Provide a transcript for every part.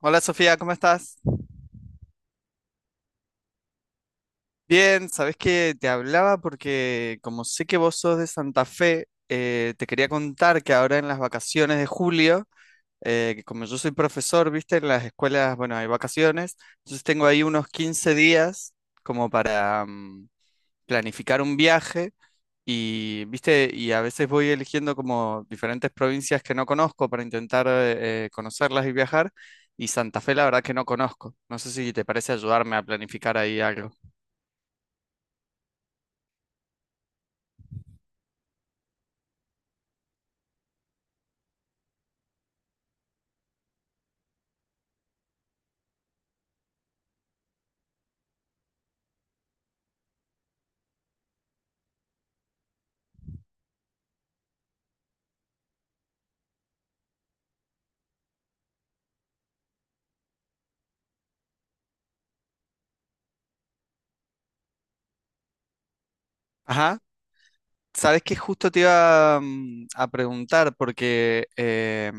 Hola Sofía, ¿cómo estás? Bien, sabes que te hablaba porque como sé que vos sos de Santa Fe, te quería contar que ahora en las vacaciones de julio, que como yo soy profesor, viste, en las escuelas, bueno, hay vacaciones, entonces tengo ahí unos 15 días como para planificar un viaje y, viste, y a veces voy eligiendo como diferentes provincias que no conozco para intentar conocerlas y viajar. Y Santa Fe, la verdad que no conozco. No sé si te parece ayudarme a planificar ahí algo. Ajá, sabes que justo te iba a preguntar porque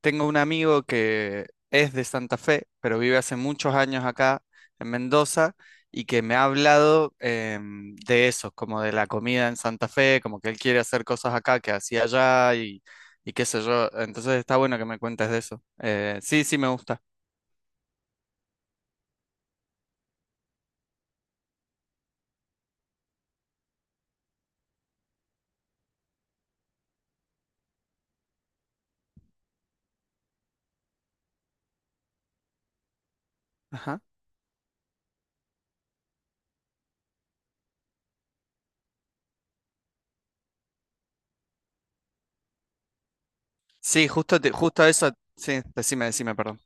tengo un amigo que es de Santa Fe, pero vive hace muchos años acá en Mendoza y que me ha hablado de eso, como de la comida en Santa Fe, como que él quiere hacer cosas acá que hacía allá y qué sé yo. Entonces está bueno que me cuentes de eso. Sí, sí, me gusta. Ajá. Sí, justo, justo eso. Sí, decime, decime, perdón.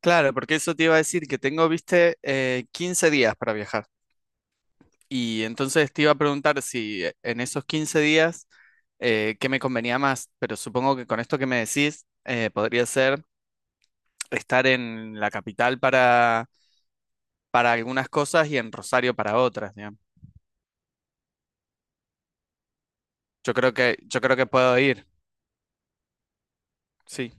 Claro, porque eso te iba a decir que tengo, viste, 15 días para viajar. Y entonces te iba a preguntar si en esos 15 días, ¿qué me convenía más? Pero supongo que con esto que me decís, podría ser estar en la capital para algunas cosas y en Rosario para otras, digamos. Yo creo que puedo ir, sí.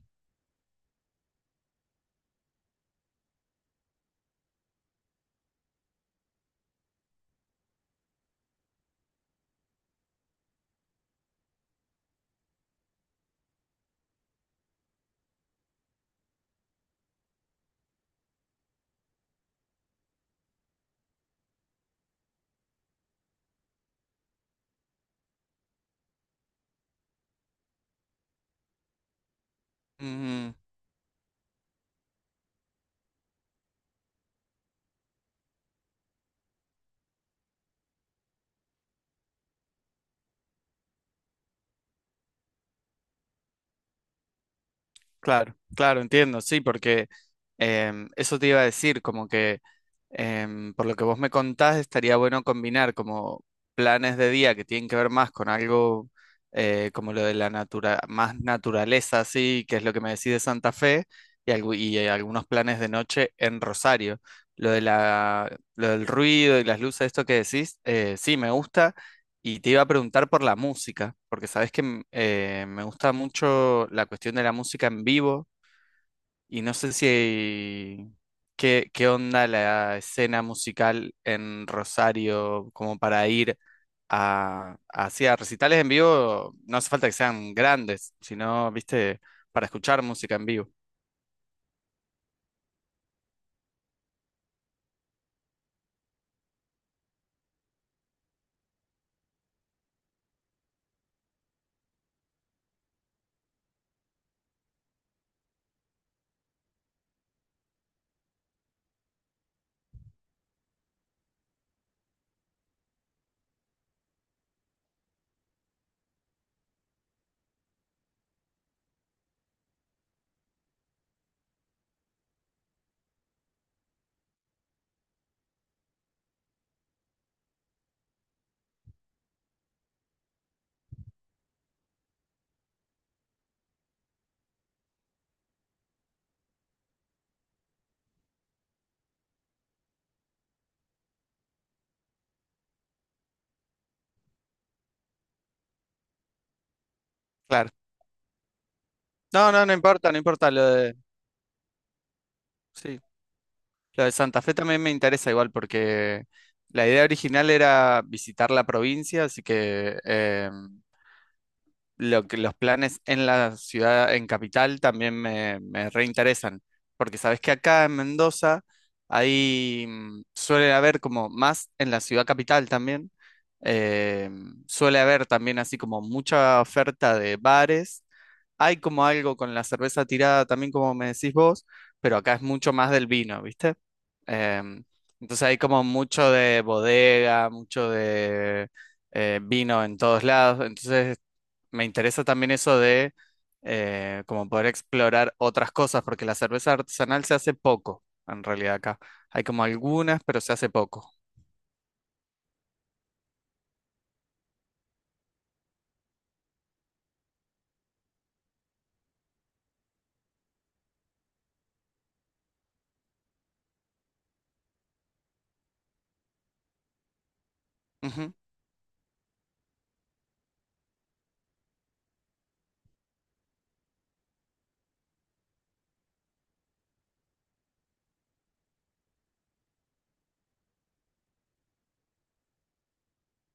Claro, claro, entiendo, sí, porque eso te iba a decir, como que por lo que vos me contás, estaría bueno combinar como planes de día que tienen que ver más con algo como lo de la natura, más naturaleza, así, que es lo que me decís de Santa Fe, y, y algunos planes de noche en Rosario. Lo de la, lo del ruido y las luces, esto que decís, sí, me gusta. Y te iba a preguntar por la música, porque sabes que me gusta mucho la cuestión de la música en vivo y no sé si qué, qué onda la escena musical en Rosario como para ir a, hacia recitales en vivo, no hace falta que sean grandes, sino, viste, para escuchar música en vivo. Claro. No, no, no importa, no importa lo de... Sí, lo de Santa Fe también me interesa igual porque la idea original era visitar la provincia, así que lo que los planes en la ciudad, en capital, también me reinteresan, porque sabes que acá en Mendoza ahí suele haber como más en la ciudad capital también, eh, suele haber también así como mucha oferta de bares, hay como algo con la cerveza tirada también como me decís vos, pero acá es mucho más del vino, ¿viste? Em, entonces hay como mucho de bodega, mucho de vino en todos lados, entonces me interesa también eso de como poder explorar otras cosas, porque la cerveza artesanal se hace poco, en realidad acá. Hay como algunas, pero se hace poco. Ujú,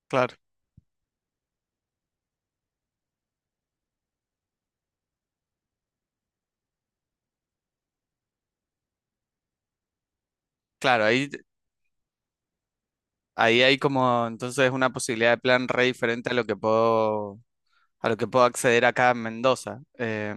claro, claro, ahí, ahí hay como entonces una posibilidad de plan re diferente a lo que puedo, a lo que puedo acceder acá en Mendoza.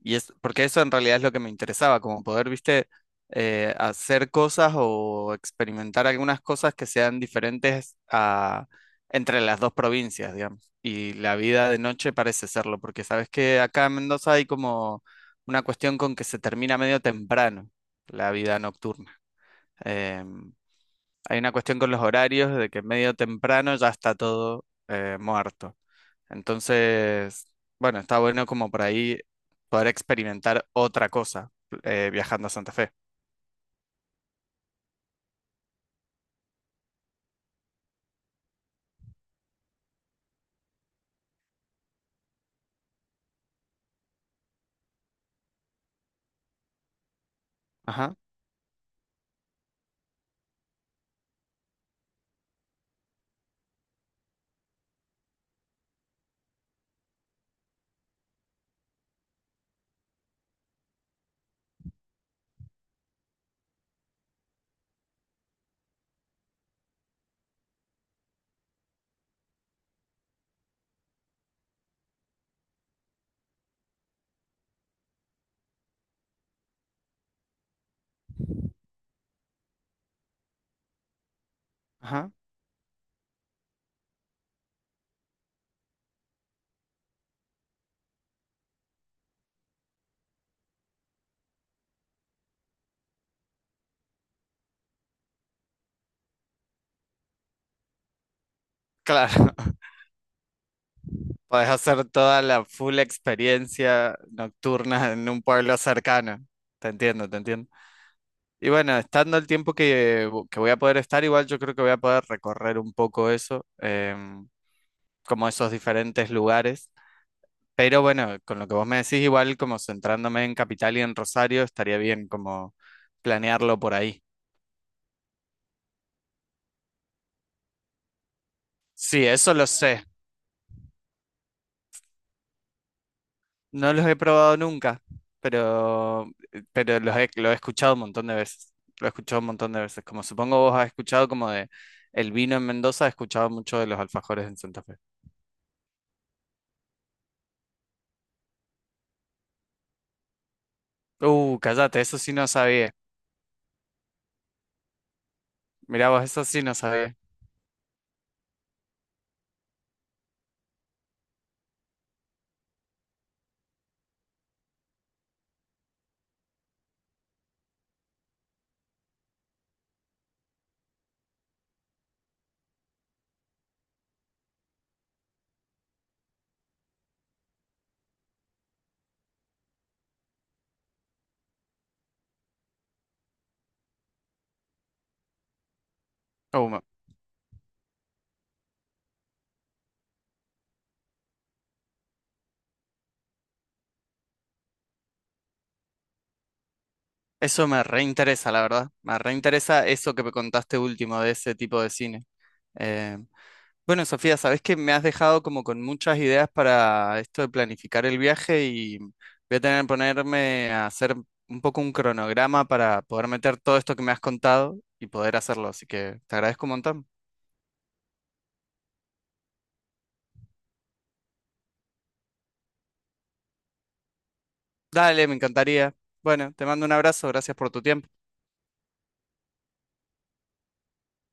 Y es, porque eso en realidad es lo que me interesaba, como poder, viste, hacer cosas o experimentar algunas cosas que sean diferentes a, entre las dos provincias, digamos. Y la vida de noche parece serlo, porque sabes que acá en Mendoza hay como una cuestión con que se termina medio temprano la vida nocturna. Em, hay una cuestión con los horarios de que medio temprano ya está todo muerto. Entonces, bueno, está bueno como por ahí poder experimentar otra cosa viajando a Santa Fe. Ajá, ajá. Claro, podés hacer toda la full experiencia nocturna en un pueblo cercano. Te entiendo, te entiendo. Y bueno, estando el tiempo que, que voy a poder estar, igual yo creo que voy a poder recorrer un poco eso, como esos diferentes lugares. Pero bueno, con lo que vos me decís, igual como centrándome en Capital y en Rosario, estaría bien como planearlo por ahí. Sí, eso lo sé. No los he probado nunca, pero, pero los he, lo he escuchado un montón de veces. Lo he escuchado un montón de veces. Como supongo vos has escuchado como de el vino en Mendoza, he escuchado mucho de los alfajores en Santa Fe. Cállate, eso sí no sabía. Mirá vos, eso sí no sabía. Uh, me- eso me reinteresa, la verdad. Me reinteresa eso que me contaste último de ese tipo de cine. Eh, Bueno, Sofía, sabes que me has dejado como con muchas ideas para esto de planificar el viaje y voy a tener que ponerme a hacer un poco un cronograma para poder meter todo esto que me has contado y poder hacerlo. Así que te agradezco un montón. Dale, me encantaría. Bueno, te mando un abrazo, gracias por tu tiempo.